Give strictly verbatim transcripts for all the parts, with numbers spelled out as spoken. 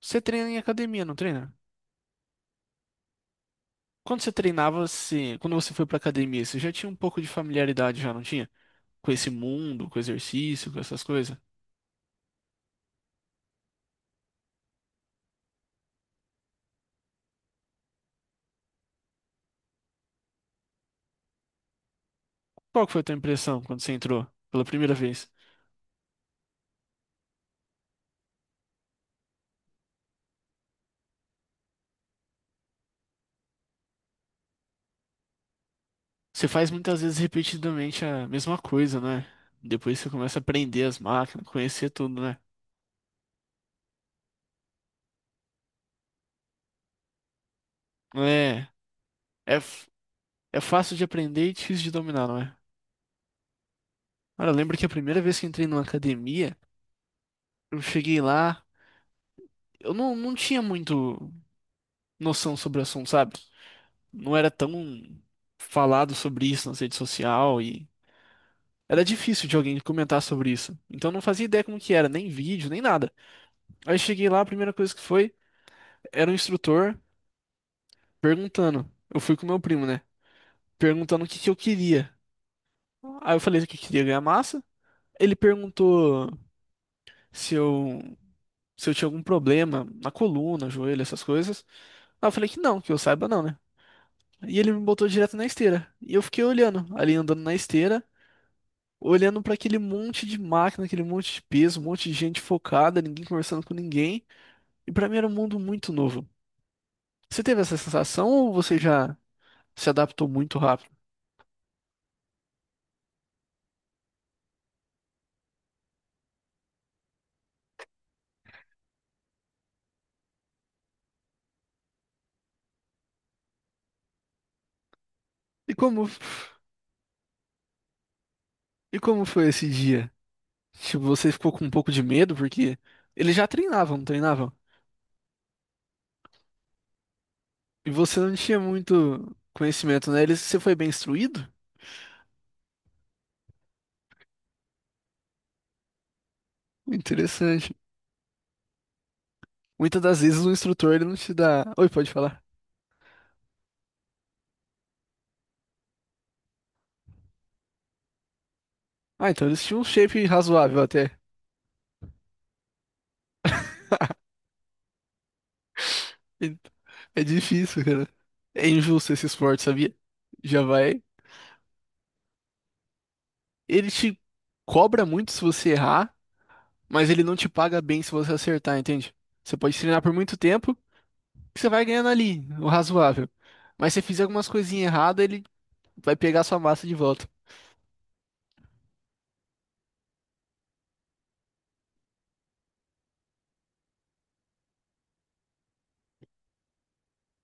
Você treina em academia, não treina? Quando você treinava, você... quando você foi pra academia, você já tinha um pouco de familiaridade, já não tinha? Com esse mundo, com exercício, com essas coisas? Qual que foi a tua impressão quando você entrou pela primeira vez? Você faz muitas vezes repetidamente a mesma coisa, né? Depois você começa a aprender as máquinas, conhecer tudo, né? É, é, f- é fácil de aprender e difícil de dominar, não é? Cara, eu lembro que a primeira vez que entrei numa academia, eu cheguei lá, eu não, não tinha muito noção sobre o assunto, sabe? Não era tão falado sobre isso na rede social e era difícil de alguém comentar sobre isso. Então eu não fazia ideia como que era, nem vídeo, nem nada. Aí cheguei lá, a primeira coisa que foi, era um instrutor perguntando. Eu fui com meu primo, né? Perguntando o que que eu queria. Aí eu falei que eu queria ganhar massa. Ele perguntou se eu se eu tinha algum problema na coluna, joelho, essas coisas. Aí eu falei que não, que eu saiba não, né? E ele me botou direto na esteira. E eu fiquei olhando, ali andando na esteira, olhando para aquele monte de máquina, aquele monte de peso, um monte de gente focada, ninguém conversando com ninguém. E para mim era um mundo muito novo. Você teve essa sensação ou você já se adaptou muito rápido? E como e como foi esse dia? Tipo, você ficou com um pouco de medo porque eles já treinavam, não treinavam? E você não tinha muito conhecimento, né? Eles, você foi bem instruído? Interessante. Muitas das vezes o instrutor ele não te dá. Oi, pode falar. Ah, então eles tinham um shape razoável até. Então, é difícil, cara. É injusto esse esporte, sabia? Já vai. Ele te cobra muito se você errar, mas ele não te paga bem se você acertar, entende? Você pode treinar por muito tempo, que você vai ganhando ali, o razoável. Mas se você fizer algumas coisinhas erradas, ele vai pegar sua massa de volta.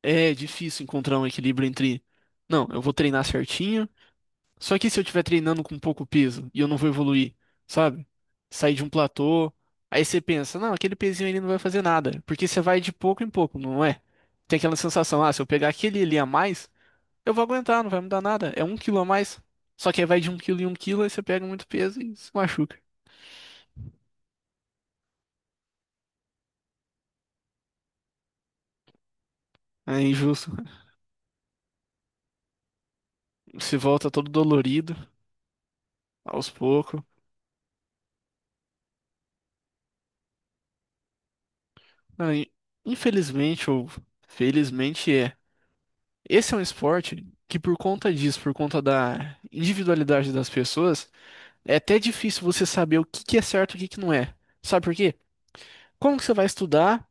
É difícil encontrar um equilíbrio entre, não, eu vou treinar certinho. Só que se eu estiver treinando com pouco peso e eu não vou evoluir, sabe? Sair de um platô, aí você pensa, não, aquele pezinho ali não vai fazer nada, porque você vai de pouco em pouco, não é? Tem aquela sensação, ah, se eu pegar aquele ali a mais, eu vou aguentar, não vai mudar nada, é um quilo a mais. Só que aí vai de um quilo em um quilo, aí você pega muito peso e se machuca. É injusto, né? Se volta todo dolorido, aos poucos. Ah, infelizmente, ou felizmente, é. Esse é um esporte que, por conta disso, por conta da individualidade das pessoas, é até difícil você saber o que que é certo e o que que não é. Sabe por quê? Como que você vai estudar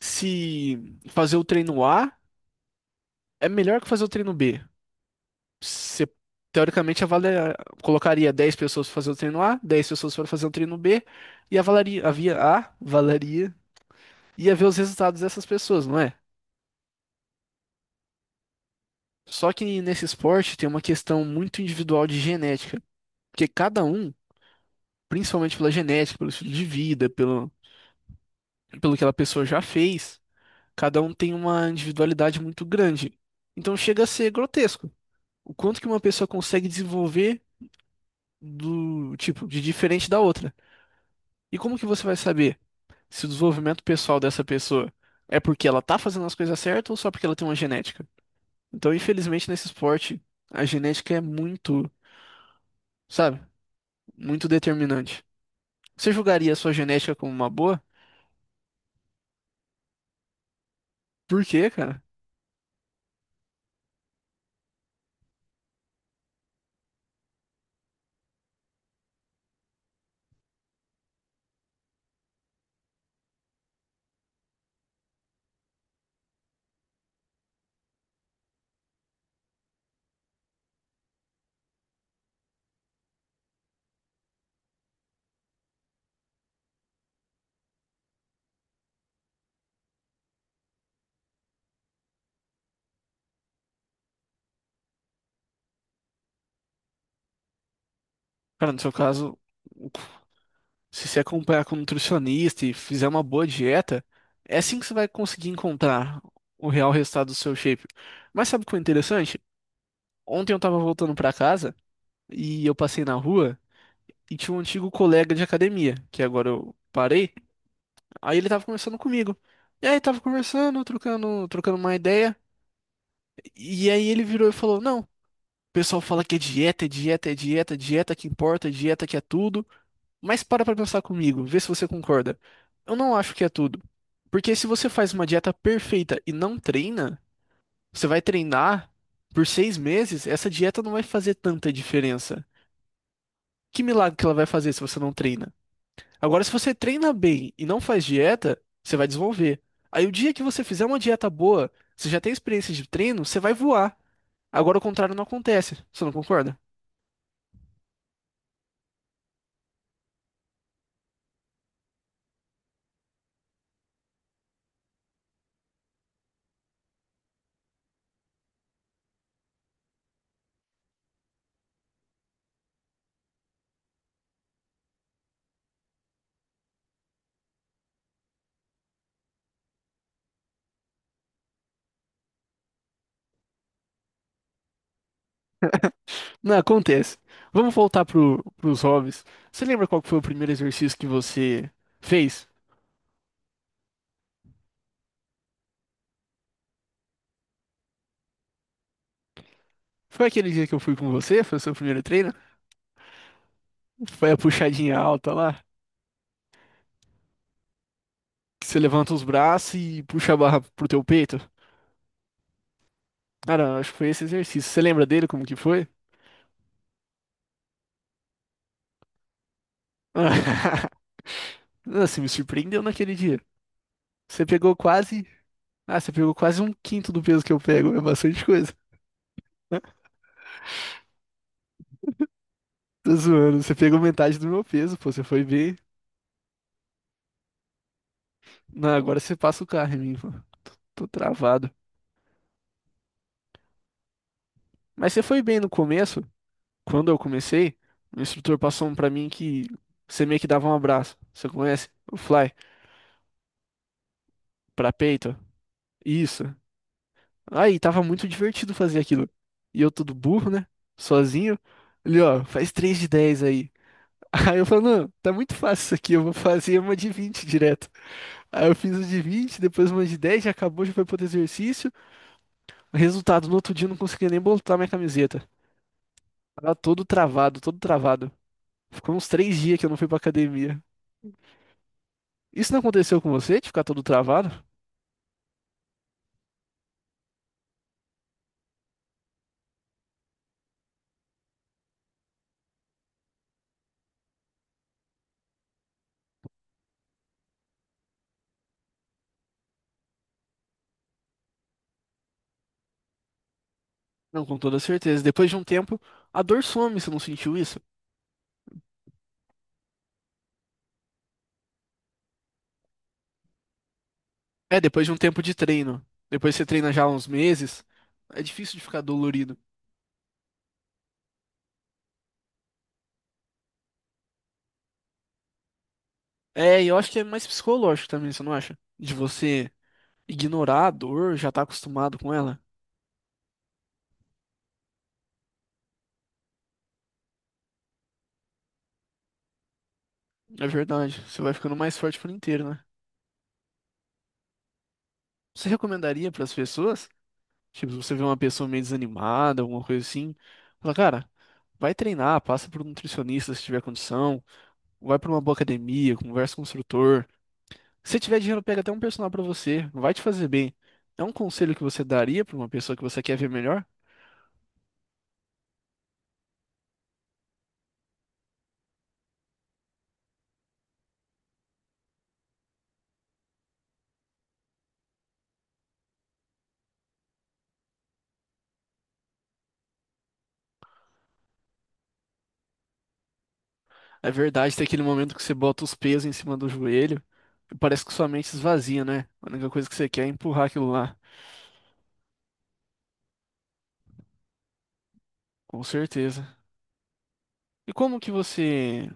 se fazer o treino A é melhor que fazer o treino B? Você, teoricamente, avalia, colocaria dez pessoas para fazer o treino A, dez pessoas para fazer o treino B, e avalaria, havia A, avalaria, ia ver os resultados dessas pessoas, não é? Só que nesse esporte tem uma questão muito individual de genética, porque cada um, principalmente pela genética, pelo estilo de vida, pelo, pelo que aquela pessoa já fez, cada um tem uma individualidade muito grande. Então chega a ser grotesco. O quanto que uma pessoa consegue desenvolver do tipo de diferente da outra. E como que você vai saber se o desenvolvimento pessoal dessa pessoa é porque ela tá fazendo as coisas certas ou só porque ela tem uma genética? Então, infelizmente, nesse esporte, a genética é muito, sabe, muito determinante. Você julgaria a sua genética como uma boa? Por quê, cara? Cara, no seu caso, se você acompanhar com um nutricionista e fizer uma boa dieta, é assim que você vai conseguir encontrar o real resultado do seu shape. Mas sabe o que é interessante? Ontem eu tava voltando pra casa e eu passei na rua e tinha um antigo colega de academia, que agora eu parei, aí ele tava conversando comigo. E aí tava conversando, trocando, trocando uma ideia, e aí ele virou e falou: "Não, o pessoal fala que é dieta, é dieta, é dieta, é dieta que importa, é dieta que é tudo". Mas para pra pensar comigo, vê se você concorda. Eu não acho que é tudo. Porque se você faz uma dieta perfeita e não treina, você vai treinar por seis meses, essa dieta não vai fazer tanta diferença. Que milagre que ela vai fazer se você não treina? Agora, se você treina bem e não faz dieta, você vai desenvolver. Aí, o dia que você fizer uma dieta boa, você já tem experiência de treino, você vai voar. Agora, o contrário não acontece. Você não concorda? Não, acontece. Vamos voltar pro, pros hobbies. Você lembra qual que foi o primeiro exercício que você fez? Foi aquele dia que eu fui com você? Foi o seu primeiro treino? Foi a puxadinha alta lá? Que você levanta os braços e puxa a barra pro teu peito? Cara, acho que foi esse exercício. Você lembra dele como que foi? Não, você me surpreendeu naquele dia. Você pegou quase. Ah, você pegou quase um quinto do peso que eu pego. É bastante coisa. Tô zoando. Você pegou metade do meu peso, pô. Você foi bem. Não, agora você passa o carro em mim, pô. Tô travado. Mas você foi bem no começo, quando eu comecei, o instrutor passou um pra mim que você meio que dava um abraço. Você conhece? O fly, pra peito. Isso. Aí, tava muito divertido fazer aquilo. E eu todo burro, né? Sozinho. Ele, ó, faz três de dez aí. Aí eu falo, não, tá muito fácil isso aqui, eu vou fazer uma de vinte direto. Aí eu fiz uma de vinte, depois uma de dez já acabou, já foi pro outro exercício. Resultado, no outro dia eu não conseguia nem botar minha camiseta. Tava todo travado, todo travado. Ficou uns três dias que eu não fui pra academia. Isso não aconteceu com você, de ficar todo travado? Não, com toda certeza. Depois de um tempo, a dor some, você não sentiu isso? É, depois de um tempo de treino. Depois você treina já há uns meses, é difícil de ficar dolorido. É, e eu acho que é mais psicológico também, você não acha? De você ignorar a dor, já tá acostumado com ela. É verdade, você vai ficando mais forte por inteiro, né? Você recomendaria pras pessoas? Tipo, se você vê uma pessoa meio desanimada, alguma coisa assim, fala, cara, vai treinar, passa por um nutricionista se tiver condição. Vai pra uma boa academia, conversa com o instrutor. Se tiver dinheiro, pega até um personal pra você. Não vai te fazer bem. É um conselho que você daria pra uma pessoa que você quer ver melhor? É verdade, tem aquele momento que você bota os pesos em cima do joelho e parece que sua mente esvazia, né? A única coisa que você quer é empurrar aquilo lá. Com certeza. E como que você